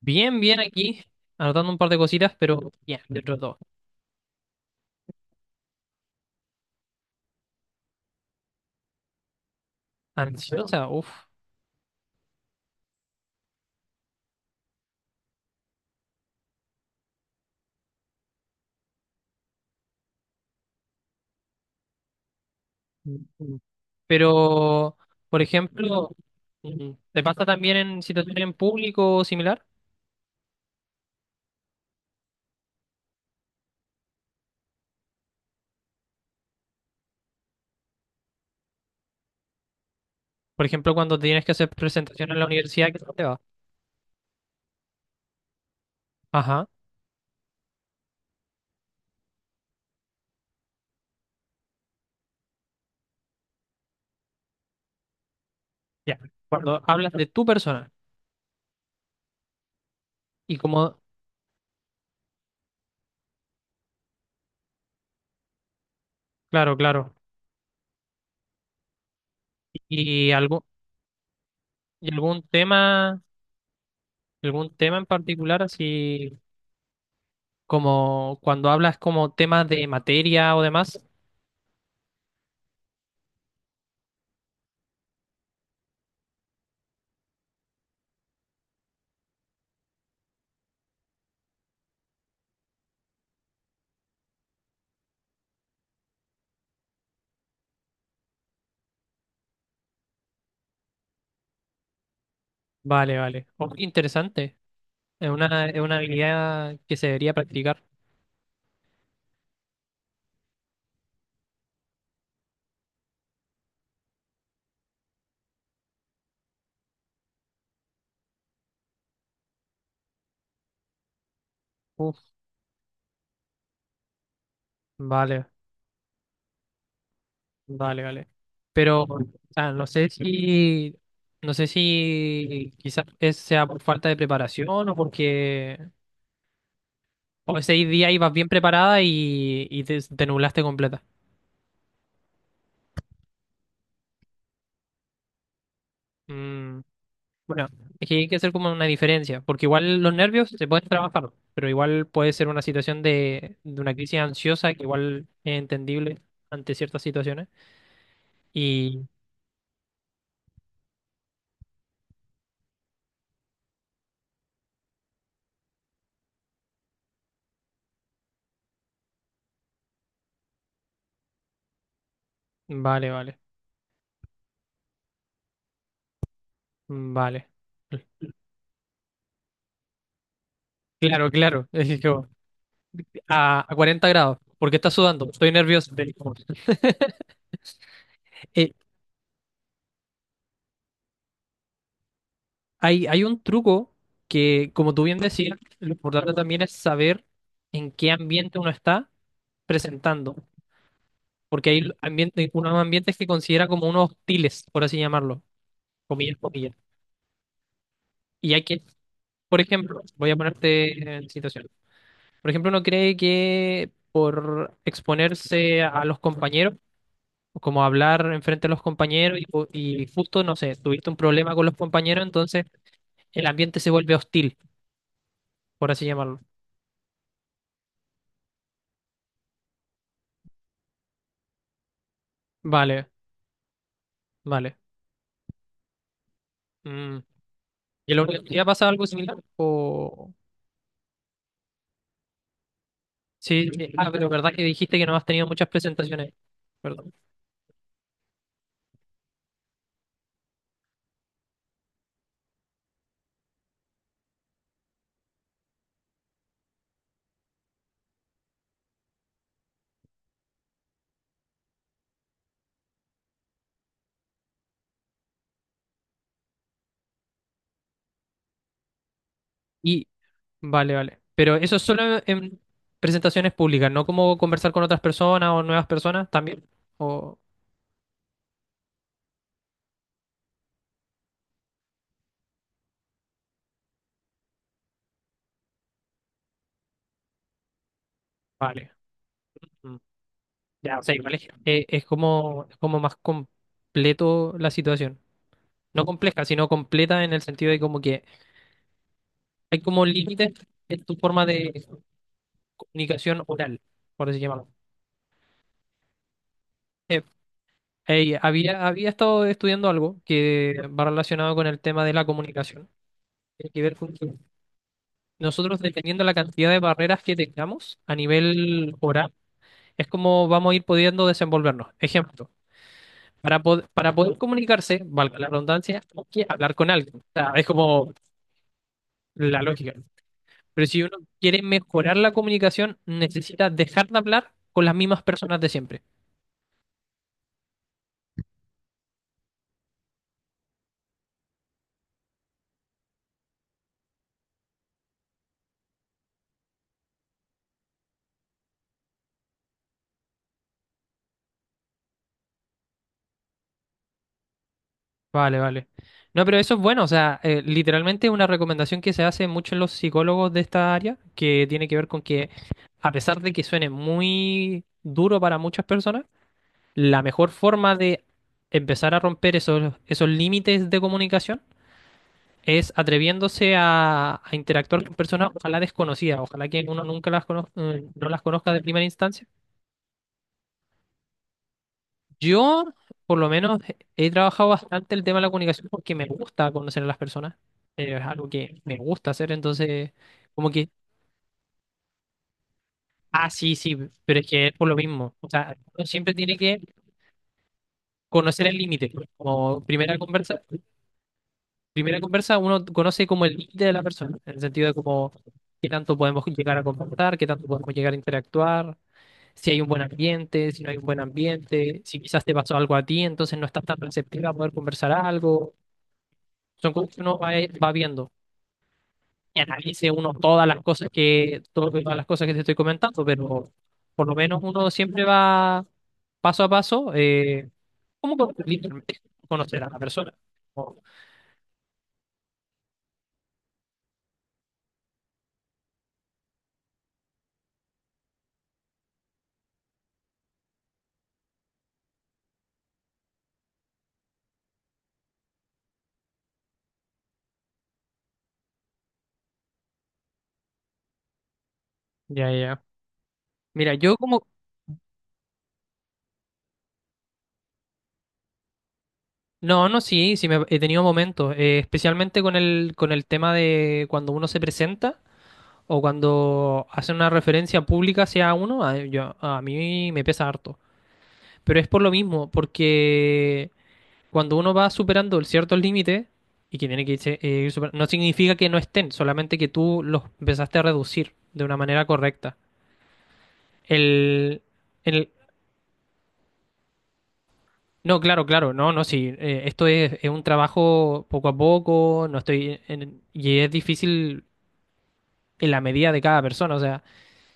Bien, bien aquí, anotando un par de cositas, pero bien, de otros dos. Ansiosa, uff. Pero, por ejemplo, ¿te pasa también en situaciones en público o similar? Por ejemplo, cuando tienes que hacer presentaciones en la universidad, ¿qué tal te va? Ajá, ya. Cuando hablas de tu persona y como, claro, claro. Y algún, y algún tema, algún tema en particular, así como cuando hablas como temas de materia o demás. Vale, vale. Oh, interesante. Es una habilidad que se debería practicar. Uf, vale, vale, vale. Pero, o sea, no sé si, no sé si quizás sea por falta de preparación o porque o ese día ibas bien preparada y te nublaste completa. Mm, bueno, es que hay que hacer como una diferencia, porque igual los nervios se pueden trabajar, pero igual puede ser una situación de una crisis ansiosa que igual es entendible ante ciertas situaciones. Y, vale, vale. Mm, vale. Claro, claro. Es que como, a 40 grados, porque está sudando, estoy nervioso. Eh, Hay, hay un truco que, como tú bien decías, lo importante también es saber en qué ambiente uno está presentando, porque hay ambiente, unos ambientes que considera como unos hostiles, por así llamarlo, comillas, comillas. Y hay que, por ejemplo, voy a ponerte en situación. Por ejemplo, uno cree que por exponerse a los compañeros, o como hablar enfrente a los compañeros y, y justo, no sé, tuviste un problema con los compañeros, entonces el ambiente se vuelve hostil, por así llamarlo. Vale, vale. Mm. ¿Y en la universidad pasa algo similar? O... Sí, sí. Ah, pero verdad que dijiste que no has tenido muchas presentaciones. Perdón. Y, vale, vale. Pero eso es solo en presentaciones públicas, no como conversar con otras personas o nuevas personas también. O... Vale. Mm. Ya, o sea, igual es como más completo la situación. No compleja, sino completa en el sentido de como que hay como límites en tu forma de comunicación oral, por así llamarlo. Eh, había estado estudiando algo que va relacionado con el tema de la comunicación. Tiene que ver con que nosotros, dependiendo de la cantidad de barreras que tengamos a nivel oral, es como vamos a ir pudiendo desenvolvernos. Ejemplo, para, para poder comunicarse, valga la redundancia, hay que hablar con alguien. O sea, es como la lógica. Pero si uno quiere mejorar la comunicación, necesita dejar de hablar con las mismas personas de siempre. Vale, vale. No, pero eso es bueno, o sea, literalmente es una recomendación que se hace mucho en los psicólogos de esta área, que tiene que ver con que a pesar de que suene muy duro para muchas personas, la mejor forma de empezar a romper esos, esos límites de comunicación es atreviéndose a interactuar con personas, ojalá desconocidas, ojalá que uno nunca las no las conozca de primera instancia. Yo, por lo menos, he trabajado bastante el tema de la comunicación porque me gusta conocer a las personas. Es algo que me gusta hacer, entonces, como que, ah, sí, sí, pero es que es por lo mismo. O sea, uno siempre tiene que conocer el límite. Pues, como primera conversa, uno conoce como el límite de la persona, en el sentido de como qué tanto podemos llegar a comportar, qué tanto podemos llegar a interactuar, si hay un buen ambiente, si no hay un buen ambiente, si quizás te pasó algo a ti, entonces no estás tan receptiva a poder conversar algo. Son cosas que uno va, va viendo. Y analice uno todas las cosas que, todas las cosas que te estoy comentando, pero por lo menos uno siempre va paso a paso, como literalmente conocer a la persona. Oh, ya, ya. Mira, yo como... No, no, sí, sí me, he tenido momentos, especialmente con el tema de cuando uno se presenta o cuando hace una referencia pública hacia uno, a, yo, a mí me pesa harto. Pero es por lo mismo, porque cuando uno va superando ciertos límites y que tiene que ir superando, no significa que no estén, solamente que tú los empezaste a reducir de una manera correcta. El, el- no, claro, claro, no, no, sí, esto es un trabajo poco a poco, no y es difícil en la medida de cada persona, o sea,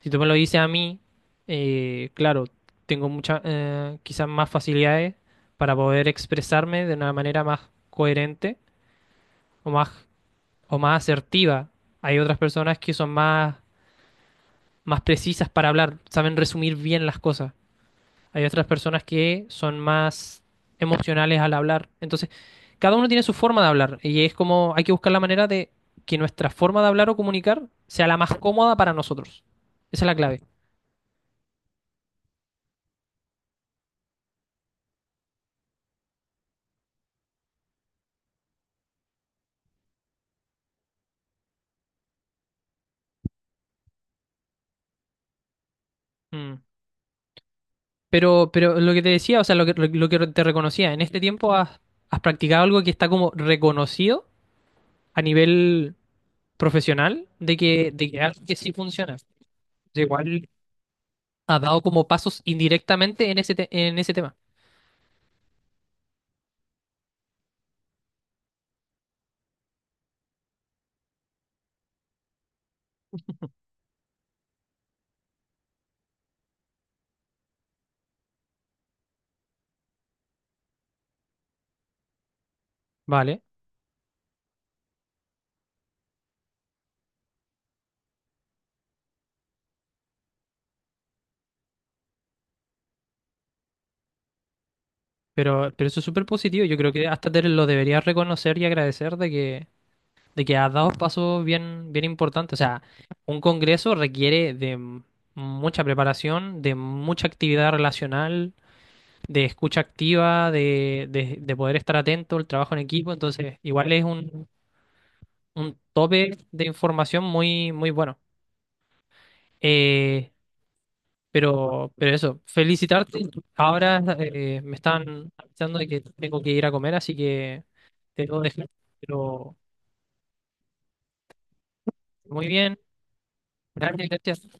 si tú me lo dices a mí, claro, tengo muchas, quizás más facilidades para poder expresarme de una manera más coherente o más o más asertiva. Hay otras personas que son más, más precisas para hablar, saben resumir bien las cosas. Hay otras personas que son más emocionales al hablar. Entonces, cada uno tiene su forma de hablar y es como hay que buscar la manera de que nuestra forma de hablar o comunicar sea la más cómoda para nosotros. Esa es la clave. Mm. Pero lo que te decía, o sea, lo que te reconocía, en este tiempo has, has practicado algo que está como reconocido a nivel profesional de que algo que sí funciona. Igual ha dado como pasos indirectamente en ese, en ese tema, ¿vale? Pero eso es súper positivo. Yo creo que hasta te lo deberías reconocer y agradecer de que has dado pasos bien, bien importantes. O sea, un congreso requiere de mucha preparación, de mucha actividad relacional, de escucha activa, de poder estar atento, el trabajo en equipo. Entonces, igual es un tope de información muy, muy bueno. Eh, pero eso, felicitarte. Ahora me están avisando de que tengo que ir a comer, así que te debo dejar. Pero muy bien, gracias, gracias.